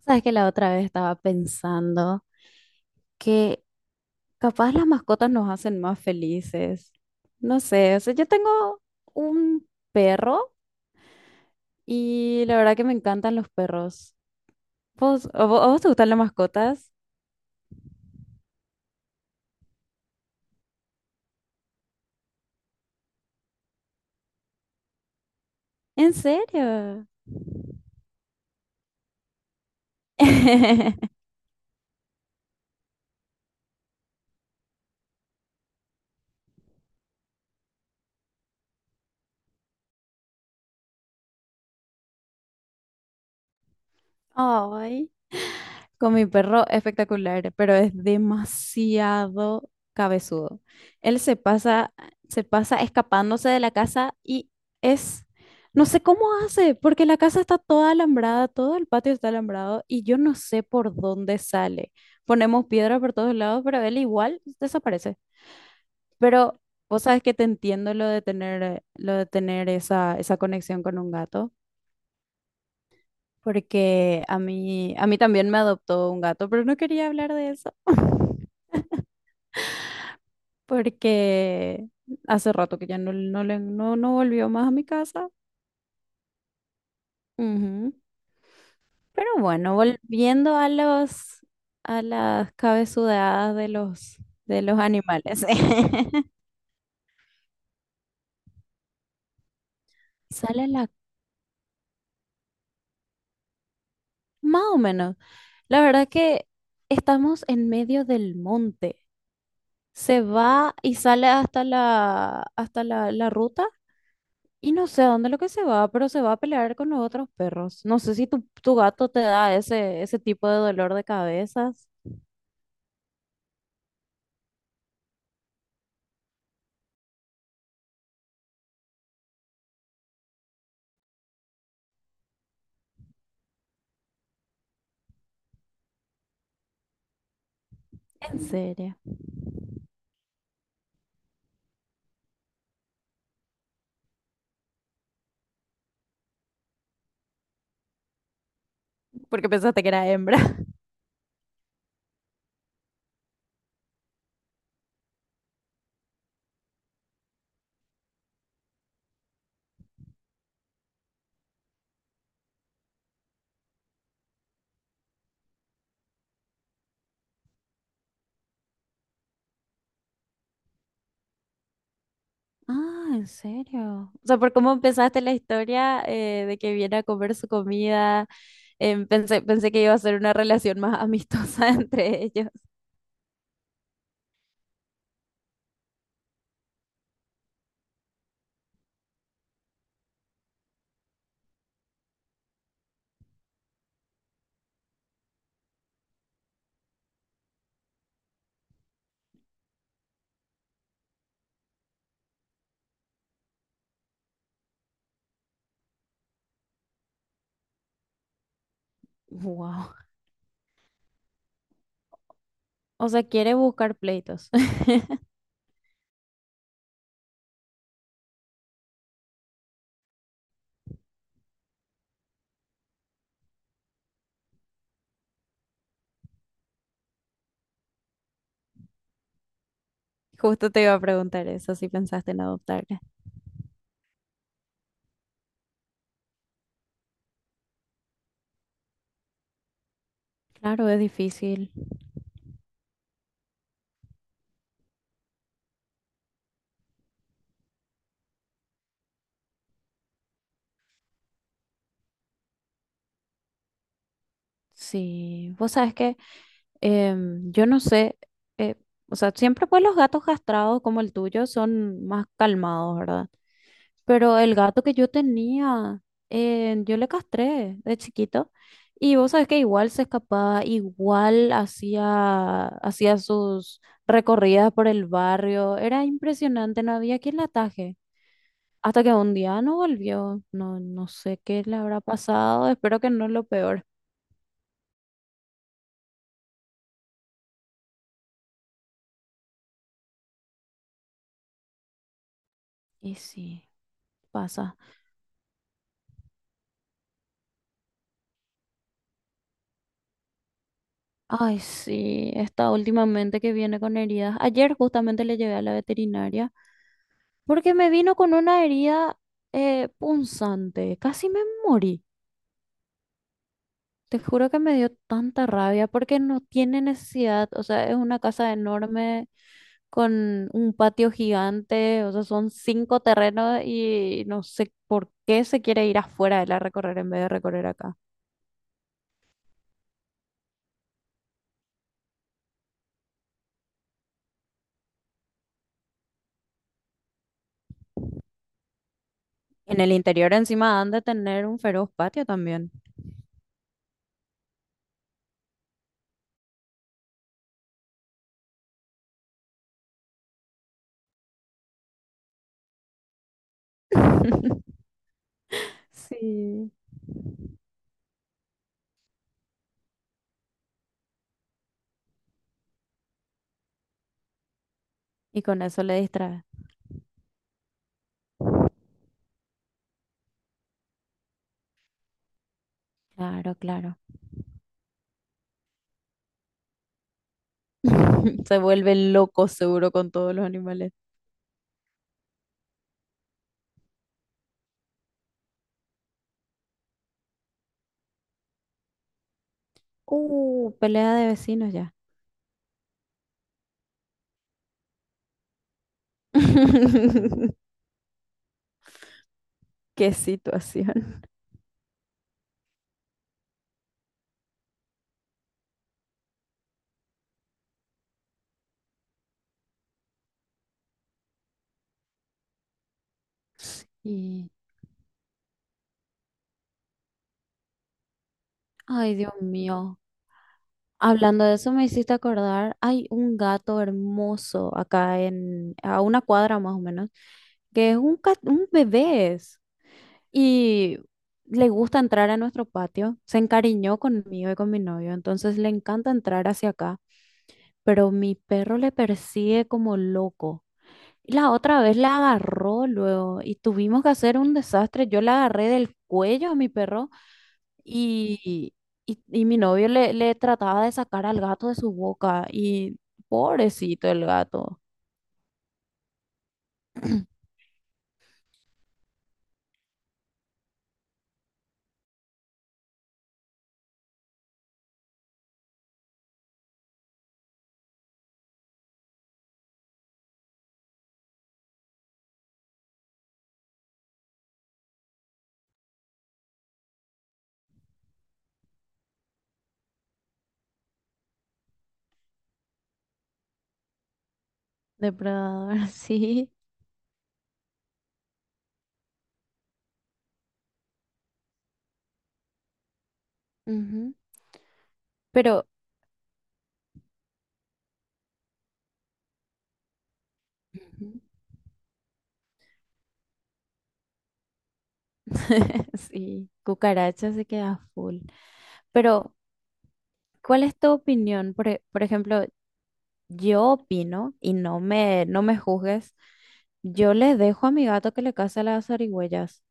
Sabes que la otra vez estaba pensando que capaz las mascotas nos hacen más felices. No sé, o sea, yo tengo un perro y la verdad que me encantan los perros. ¿Vos, a vos te gustan las mascotas? ¿En serio? Ay. Con mi perro espectacular, pero es demasiado cabezudo. Él se pasa escapándose de la casa y es, no sé cómo hace, porque la casa está toda alambrada, todo el patio está alambrado y yo no sé por dónde sale. Ponemos piedra por todos lados, pero él igual desaparece. Pero vos sabes que te entiendo lo de tener esa conexión con un gato porque a mí también me adoptó un gato, pero no quería hablar de eso, porque hace rato que no volvió más a mi casa. Ujú. Pero bueno, a las cabezudadas de los animales. Sale la, más o menos. La verdad que estamos en medio del monte. Se va y sale hasta la ruta. Y no sé a dónde lo que se va, pero se va a pelear con los otros perros. No sé si tu gato te da ese tipo de dolor de cabezas. En serio. Porque pensaste que era hembra. Ah, en serio. O sea, por cómo empezaste la historia, de que viene a comer su comida, pensé que iba a ser una relación más amistosa entre ellos. Wow. O sea, quiere buscar pleitos. Justo te iba a preguntar eso, si pensaste en adoptarle. Claro, es difícil. Sí, vos sabes que... yo no sé, eh, o sea, siempre pues los gatos castrados como el tuyo son más calmados, ¿verdad? Pero el gato que yo tenía, yo le castré de chiquito y vos sabés que igual se escapaba, igual hacía sus recorridas por el barrio, era impresionante, no había quien la ataje. Hasta que un día no volvió, no, no sé qué le habrá pasado, espero que no lo peor. Y sí, pasa. Ay, sí, está últimamente que viene con heridas. Ayer justamente le llevé a la veterinaria porque me vino con una herida punzante. Casi me morí. Te juro que me dio tanta rabia porque no tiene necesidad. O sea, es una casa enorme con un patio gigante. O sea, son cinco terrenos y no sé por qué se quiere ir afuera de la recorrer en vez de recorrer acá. En el interior encima han de tener un feroz patio también. Sí. Y con eso le distrae. Claro, claro. Se vuelve loco seguro con todos los animales. Pelea de vecinos ya. Qué situación. Y, ay, Dios mío. Hablando de eso, me hiciste acordar, hay un gato hermoso acá en, a una cuadra más o menos, que es un, cat- un bebé. Es. Y le gusta entrar a nuestro patio. Se encariñó conmigo y con mi novio, entonces le encanta entrar hacia acá. Pero mi perro le persigue como loco. Y la otra vez la agarró luego y tuvimos que hacer un desastre. Yo la agarré del cuello a mi perro y, y y mi novio le trataba de sacar al gato de su boca y pobrecito el gato. Depredador, sí. Ujú. Pero ujú. Sí, cucaracha se queda full. Pero, ¿cuál es tu opinión? Por, por ejemplo, yo opino, y no me juzgues, yo le dejo a mi gato que le case las zarigüeyas,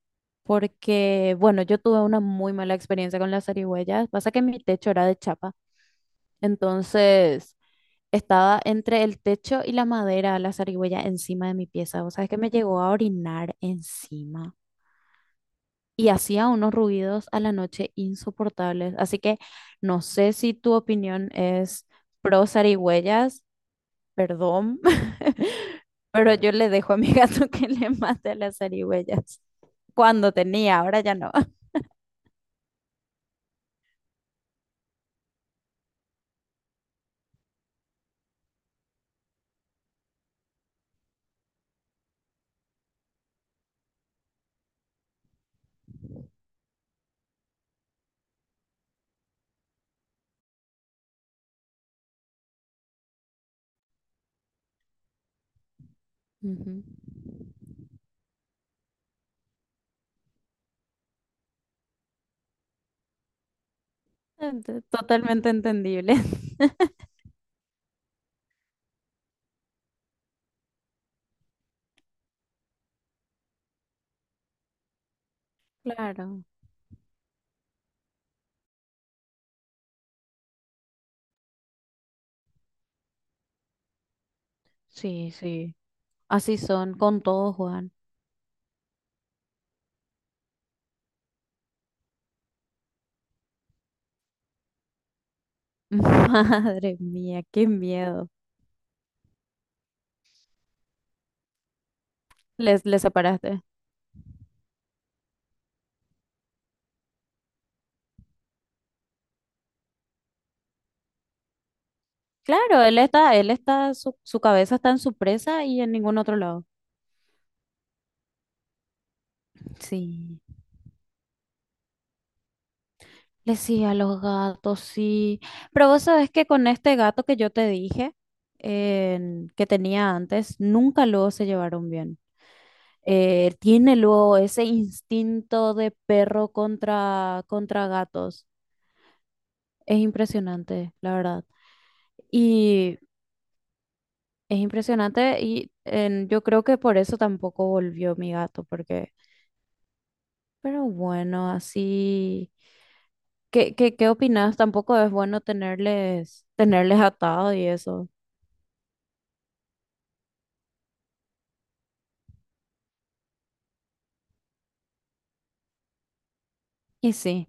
porque, bueno, yo tuve una muy mala experiencia con las zarigüeyas. Pasa que mi techo era de chapa, entonces estaba entre el techo y la madera la zarigüeya encima de mi pieza. O sea, es que me llegó a orinar encima y hacía unos ruidos a la noche insoportables. Así que no sé si tu opinión es pro zarigüeyas, perdón, pero yo le dejo a mi gato que le mate a las zarigüeyas. Cuando tenía, ahora ya no. Ujú. Totalmente entendible. Claro, sí, sí. Así son con todo, Juan. Madre mía, qué miedo. Les separaste. Claro, él está, su cabeza está en su presa y en ningún otro lado. Sí. Le sí a los gatos, sí. Pero vos sabés que con este gato que yo te dije, que tenía antes, nunca luego se llevaron bien. Tiene luego ese instinto de perro contra gatos. Es impresionante, la verdad. Y es impresionante y yo creo que por eso tampoco volvió mi gato, porque... Pero bueno, así, qué opinas? Tampoco es bueno tenerles atado y eso. Y sí,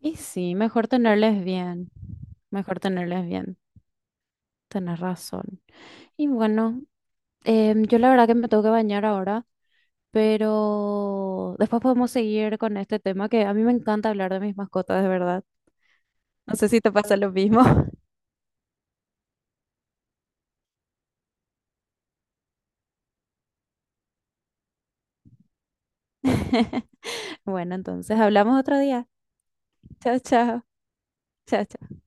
y sí, mejor tenerles bien, tenés razón. Y bueno, yo la verdad que me tengo que bañar ahora, pero después podemos seguir con este tema que a mí me encanta hablar de mis mascotas, de verdad. No sé si te pasa lo mismo. Bueno, entonces hablamos otro día. Chao, chao. Chao, chao.